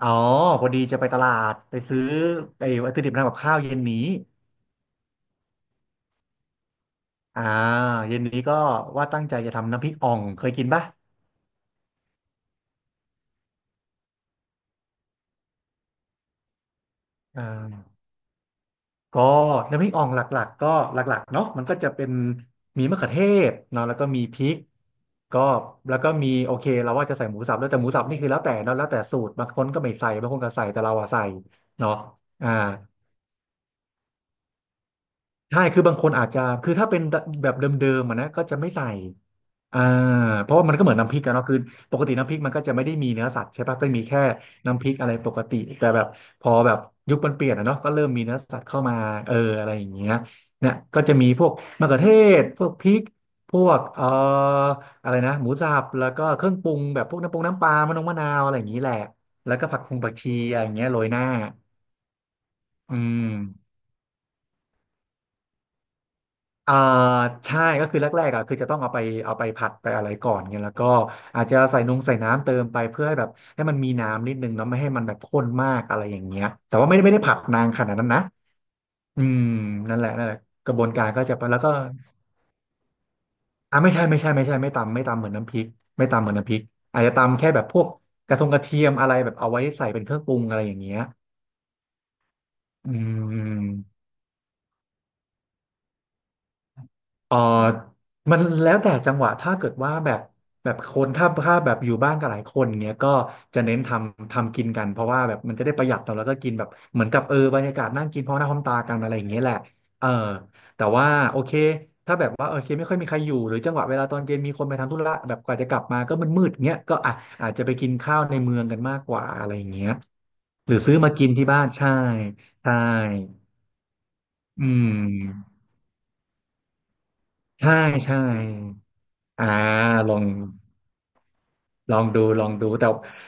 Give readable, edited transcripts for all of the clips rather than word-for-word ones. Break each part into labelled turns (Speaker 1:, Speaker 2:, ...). Speaker 1: อ๋อพอดีจะไปตลาดไปซื้อไอ้วัตถุดิบทำกับข้าวเย็นนี้อ่าเย็นนี้ก็ว่าตั้งใจจะทำน้ำพริกอ่องเคยกินปะอ่าก็น้ำพริกอ่องหลักๆก็หลักๆเนาะมันก็จะเป็นมีมะเขือเทศเนาะแล้วก็มีพริกก็แล้วก็มีโอเคเราว่าจะใส่หมูสับแล้วแต่หมูสับนี่คือแล้วแต่เนาะแล้วแต่สูตรบางคนก็ไม่ใส่บางคนก็ใส่แต่เราอะใส่เนาะอ่าใช่คือบางคนอาจจะคือถ้าเป็นแบบเดิมๆอะนะก็จะไม่ใส่ อ่าเพราะว่ามันก็เหมือนน้ำพริกกันเนาะคือปกติน้ำพริกมันก็จะไม่ได้มีเนื้อสัตว์ใช่ปะก็มีแค่น้ำพริกอะไรปกติแต่แบบพอแบบยุคมันเปลี่ยนอะเนาะก็เริ่มมีเนื้อสัตว์เข้ามาเอออะไรอย่างเงี้ยเนี่ยก็จะมีพวกมะเขือเทศพวกพริกพวกอะไรนะหมูสับแล้วก็เครื่องปรุงแบบพวกน้ำปรุงน้ำปลามะนงมะนาวอะไรอย่างนี้แหละแล้วก็ผักคงผักชีอะไรอย่างเงี้ยโรยหน้าอืม อ่าใช่ก็คือแรกๆอ่ะคือจะต้องเอาไปเอาไปผัดไปอะไรก่อนเงี้ยแล้วก็อาจจะใส่นงใส่น้ำเติมไปเพื่อให้แบบให้มันมีน้ำนิดนึงเนาะไม่ให้มันแบบข้นมากอะไรอย่างเงี้ยแต่ว่าไม่ได้ไม่ได้ผัดนานขนาดนั้นนะอืมนั่นแหละนั่นแหละกระบวนการก็จะไปแล้วก็ไม่ใช่ไม่ตำไม่ตำเหมือนน้ำพริกไม่ตำเหมือนน้ำพริกอาจจะตำแค่แบบพวกกระทงกระเทียมอะไรแบบเอาไว้ใส่เป็นเครื่องปรุงอะไรอย่างเงี้ยอืม เออมันแล้วแต่จังหวะถ้าเกิดว่าแบบแบบคนถ้าแบบอยู่บ้านกับหลายคนเงี้ยก็จะเน้นทำกินกันเพราะว่าแบบมันจะได้ประหยัดเราะแล้วก็กินแบบเหมือนกับเออบรรยากาศนั่งกินพร้อมหน้าพร้อมตากันอะไรอย่างเงี้ยแหละเออแต่ว่าโอเคถ้าแบบว่าโอเคไม่ค่อยมีใครอยู่หรือจังหวะเวลาตอนเย็นมีคนไปทำธุระแบบกว่าจะกลับมาก็มืดๆเงี้ยก็อ่ะอาจจะไปกินข้าวในเมืองกันมากกว่าอะไรอย่างเงี้ยหรือซื้อมากินที่บ้านใช่ใช่อืมใช่ใช่อ่าลอง ลองดูลองดูแต่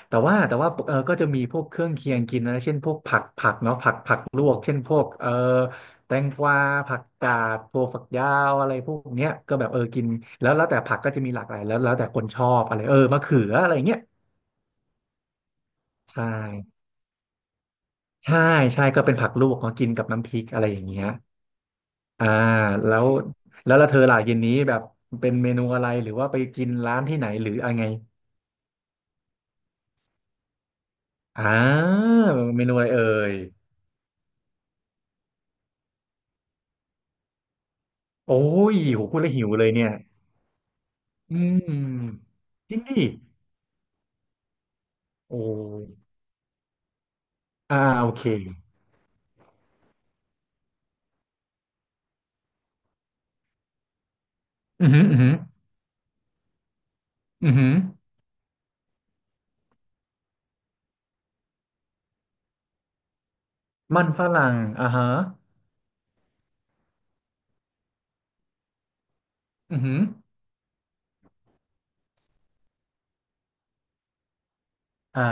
Speaker 1: แต่ว่าเออก็จะมีพวกเครื่องเคียงกินนะเช่นพวกผักเนาะผักลวกเช่นพวกเออแตงกวาผักกาดถั่วฝักยาวอะไรพวกเนี้ยก็แบบเออกินแล้วแต่ผักก็จะมีหลากหลายแล้วแต่คนชอบอะไรเออมะเขืออะไรเงี้ยใช่ใช่ใช่ก็เป็นผักลวกเนาะกินกับน้ำพริกอะไรอย่างเงี้ยอ่าแล้วแล้วแล้วเธอล่ะเย็นนี้แบบเป็นเมนูอะไรหรือว่าไปกินร้านที่ไหนหรืออะไรไงอ่าเมนูอะไรเอ่ย โอ้ยโหพูดแล้วหิวเลยเนี่ยอืมจริงดิโอ้ยโอเคอือหืออือหืออือหือมันฝรั่งอ่าฮะอือหืออ่า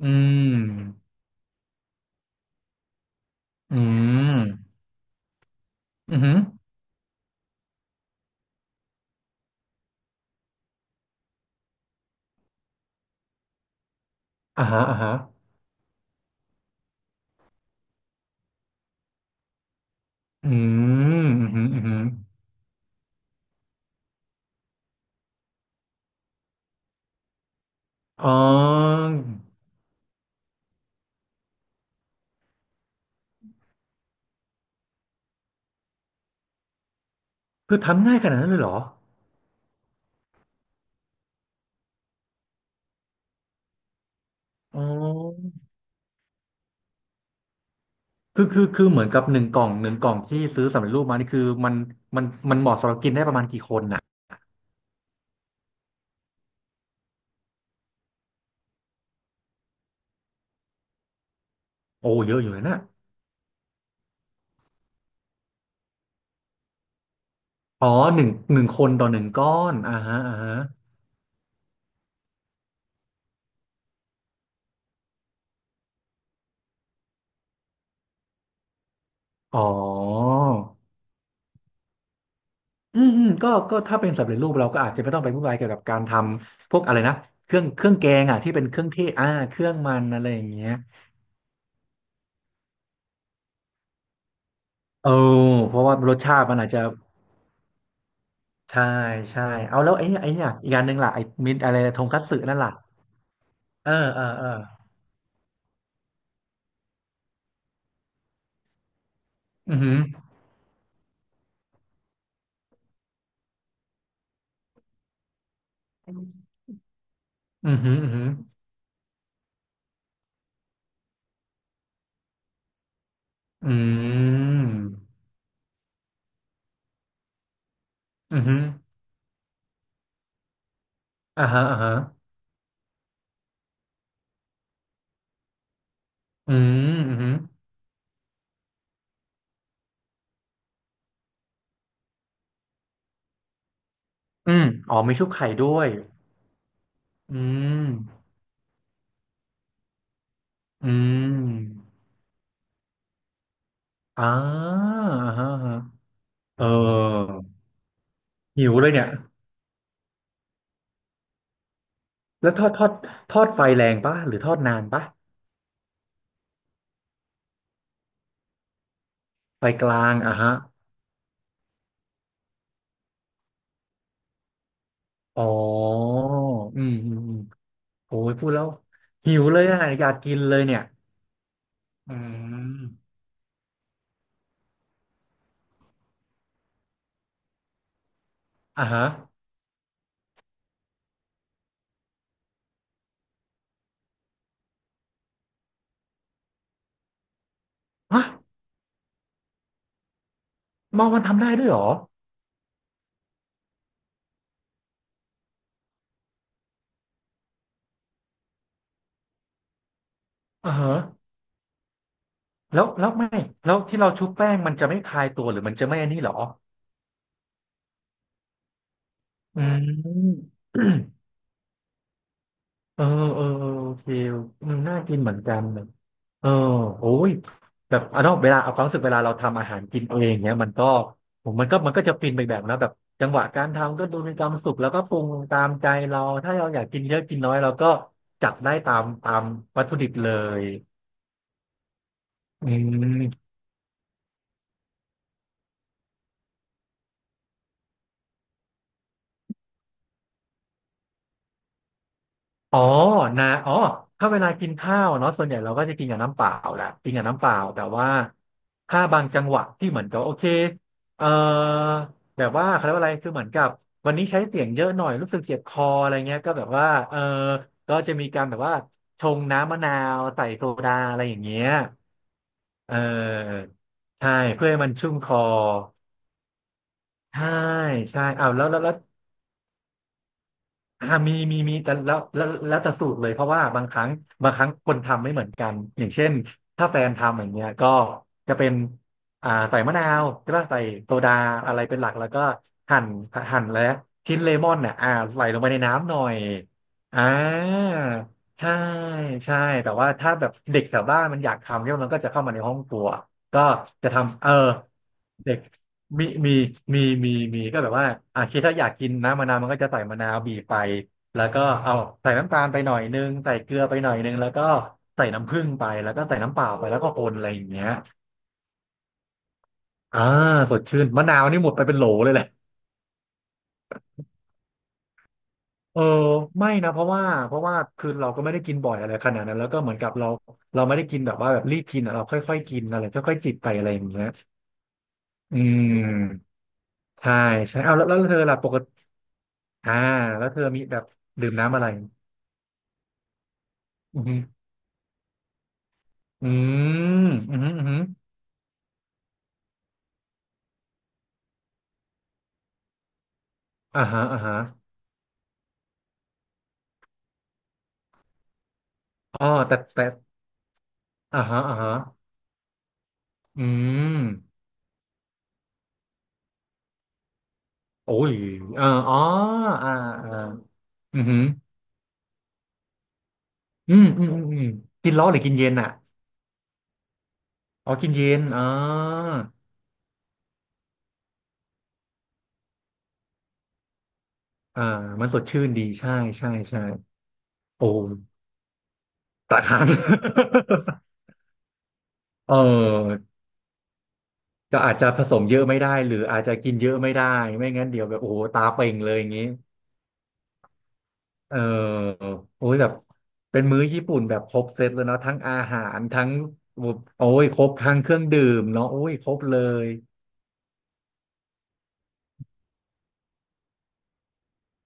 Speaker 1: อืมอืมอือหืออ่าฮะอ่าฮะอืมอือหืออือหืออ๋อคือทำง่ายขนาดนั้นเลยเหรออ๋อคือคือเหมือนกับหนึ่งกล่องหนึ่งกล่องที่ซื้อสำเร็จรูปมานี่คือมันมันเหมาะสำหรับกินได้ประมาณกี่คนน่ะโอ้เยอะอยู่นะ อ๋อหนึ่งคนต่อหนึ่งก้อนอ่าฮะอ่าฮะอ๋ออืมอืมก็ก็ถ้าเป็นสำเร็จรูปเราก็อาจจะไม่ต้องไปวุ่นวายเกี่ยวกับการทำพวกอะไรนะเครื่องแกงอ่ะที่เป็นเครื่องเทศเครื่องมันอะไรอย่างเงี้ยเออเพราะว่ารสชาติมันอาจจะใช่ใช่เอาแล้วไอ้เนี่ยไอ้เนี่ยอีกอย่างหนึ่งล่ะไอ้มิตอะไรทงคัตสึนั่นล่ะเออเออเอออือหืออือหืออือหืออืมอือหืออ่าฮะอ่าฮะอืมอือหืออืมอ๋อมีชุบไข่ด้วย อืมอืมอ่าอ่าฮะอ่าฮะเออหิวเลยเนี่ยแล้วทอดทอดไฟแรงปะหรือทอดนานปะไฟกลางอ่ะฮะอ๋ออืมอืมอืมโอ้ยพูดแล้วหิวเลยอ่ะอยากกินเลยเนี่ยอืมอ่ะฮะฮะมอมันทำได้ด้วยเหรออ่ะฮะแล้วไม่แล้วที่เราชุบแป้งมันจะไม่คลายตัวหรือมันจะไม่อันนี้เหรออืม เออเออเออโอเคมันน่ากินเหมือนกันเนี่ยเออโอ้ยแบบเนาะเวลาเอาความรู้สึกเวลาเราทำอาหารกินเองเนี้ยมันก็ผมมันก็จะฟินไปแบบนะแบบจังหวะการทำก็ดูมีความสุขแล้วก็ปรุงตามใจเราถ้าเราอยากกินเยอะกินน้อยเราก็จัดได้ตามวัตถุดิบเลยอืม อ๋อนะอ๋อถ้าเวลากินข้าวเนาะส่วนใหญ่เราก็จะกินกับน้ำเปล่าแหละกินกับน้ำเปล่าแต่ว่าถ้าบางจังหวะที่เหมือนกับโอเคเอ่อแบบว่าเขาเรียกว่าอะไร คือเหมือนกับวันนี้ใช้เสียงเยอะหน่อย รู้สึกเจ็บคออะไรเงี้ยก็แบบว่าเออก็จะมีการแบบว่าชงน้ำมะนาวใส่โซดาอะไรอย่างเงี้ยเออใช่เพื่อให้มันชุ่มคอใช่ใช่เอาวแล้ว มีมีมีแต่แล้วแต่สูตรเลยเพราะว่าบางครั้งคนทำไม่เหมือนกันอย่างเช่นถ้าแฟนทำอย่างเงี้ยก็จะเป็นใส่มะนาวใช่ป่ะใส่โซดาอะไรเป็นหลักแล้วก็หั่นหั่นและชิ้นเลมอนเนี่ยใส่ลงไปในน้ำหน่อยอ่าใช่ใช่แต่ว่าถ้าแบบเด็กแถวบ้านมันอยากทำเนี่ยมันก็จะเข้ามาในห้องครัว ก็จะทำเออเด็กมีมีมีมีมีก็แบบว่าอ่ะคิดถ้าอยากกินน้ำมะนาวมันก็จะใส่มะนาวบีบไปแล้วก็เอาใส่น้ำตาลไปหน่อยนึงใส่เกลือไปหน่อยนึงแล้วก็ใส่น้ำผึ้งไป แล้วก็ใส่น้ำเปล่าไปแล้วก็คนอะไรอย่างเงี้ยอ่าสดชื่นมะนาวนี่หมดไปเป็นโหลเลยแหละเออไม่นะเพราะว่าคือเราก็ไม่ได้กินบ่อยอะไรขนาดนั้นแล้วก็เหมือนกับเราเราไม่ได้กินแบบว่าแบบรีบกินอะเราค่อยๆกินอะไรค่อยๆจิบไปอะไรอย่างเงี้ยอืมใช่ใช่เอาแล้วแล้วเธอล่ะปกติ อ่าแล้วเธอมีแบบดื่มน้ำอะไรอืออืมอืออืออ่าฮะอ่าฮะอ๋อแต่อ่าฮะอ่าฮะอืมโอ้ยเอออ๋ออ่าอ่าอือออืมอืมอืมอืมกินร้อนหรือกินเย็นอ่ะอ๋อกินเย็นอ๋ออ่ามันสดชื่นดีใช่ใช่ใช่โอ้ตาค้าง เออก็อาจจะผสมเยอะไม่ได้หรืออาจจะกินเยอะไม่ได้ไม่งั้นเดี๋ยวแบบโอ้โหตาเป่งเลยอย่างนี้ เออโอ้ยแบบเป็นมื้อญี่ปุ่นแบบครบเซตเลยเนาะทั้งอาหารทั้งโอ้ยครบทั้งเครื่องดื่มเนาะโอ้ยครบเลย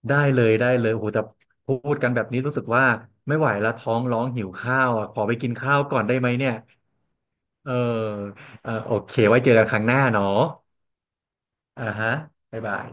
Speaker 1: ได้เลยได้เลยโอ้โหแต่พูดกันแบบนี้รู้สึกว่าไม่ไหวแล้วท้องร้องหิวข้าวอ่ะขอไปกินข้าวก่อนได้ไหมเนี่ยเออเออโอเคไว้เจอกันครั้งหน้าเนาะอ่าฮะบ๊ายบาย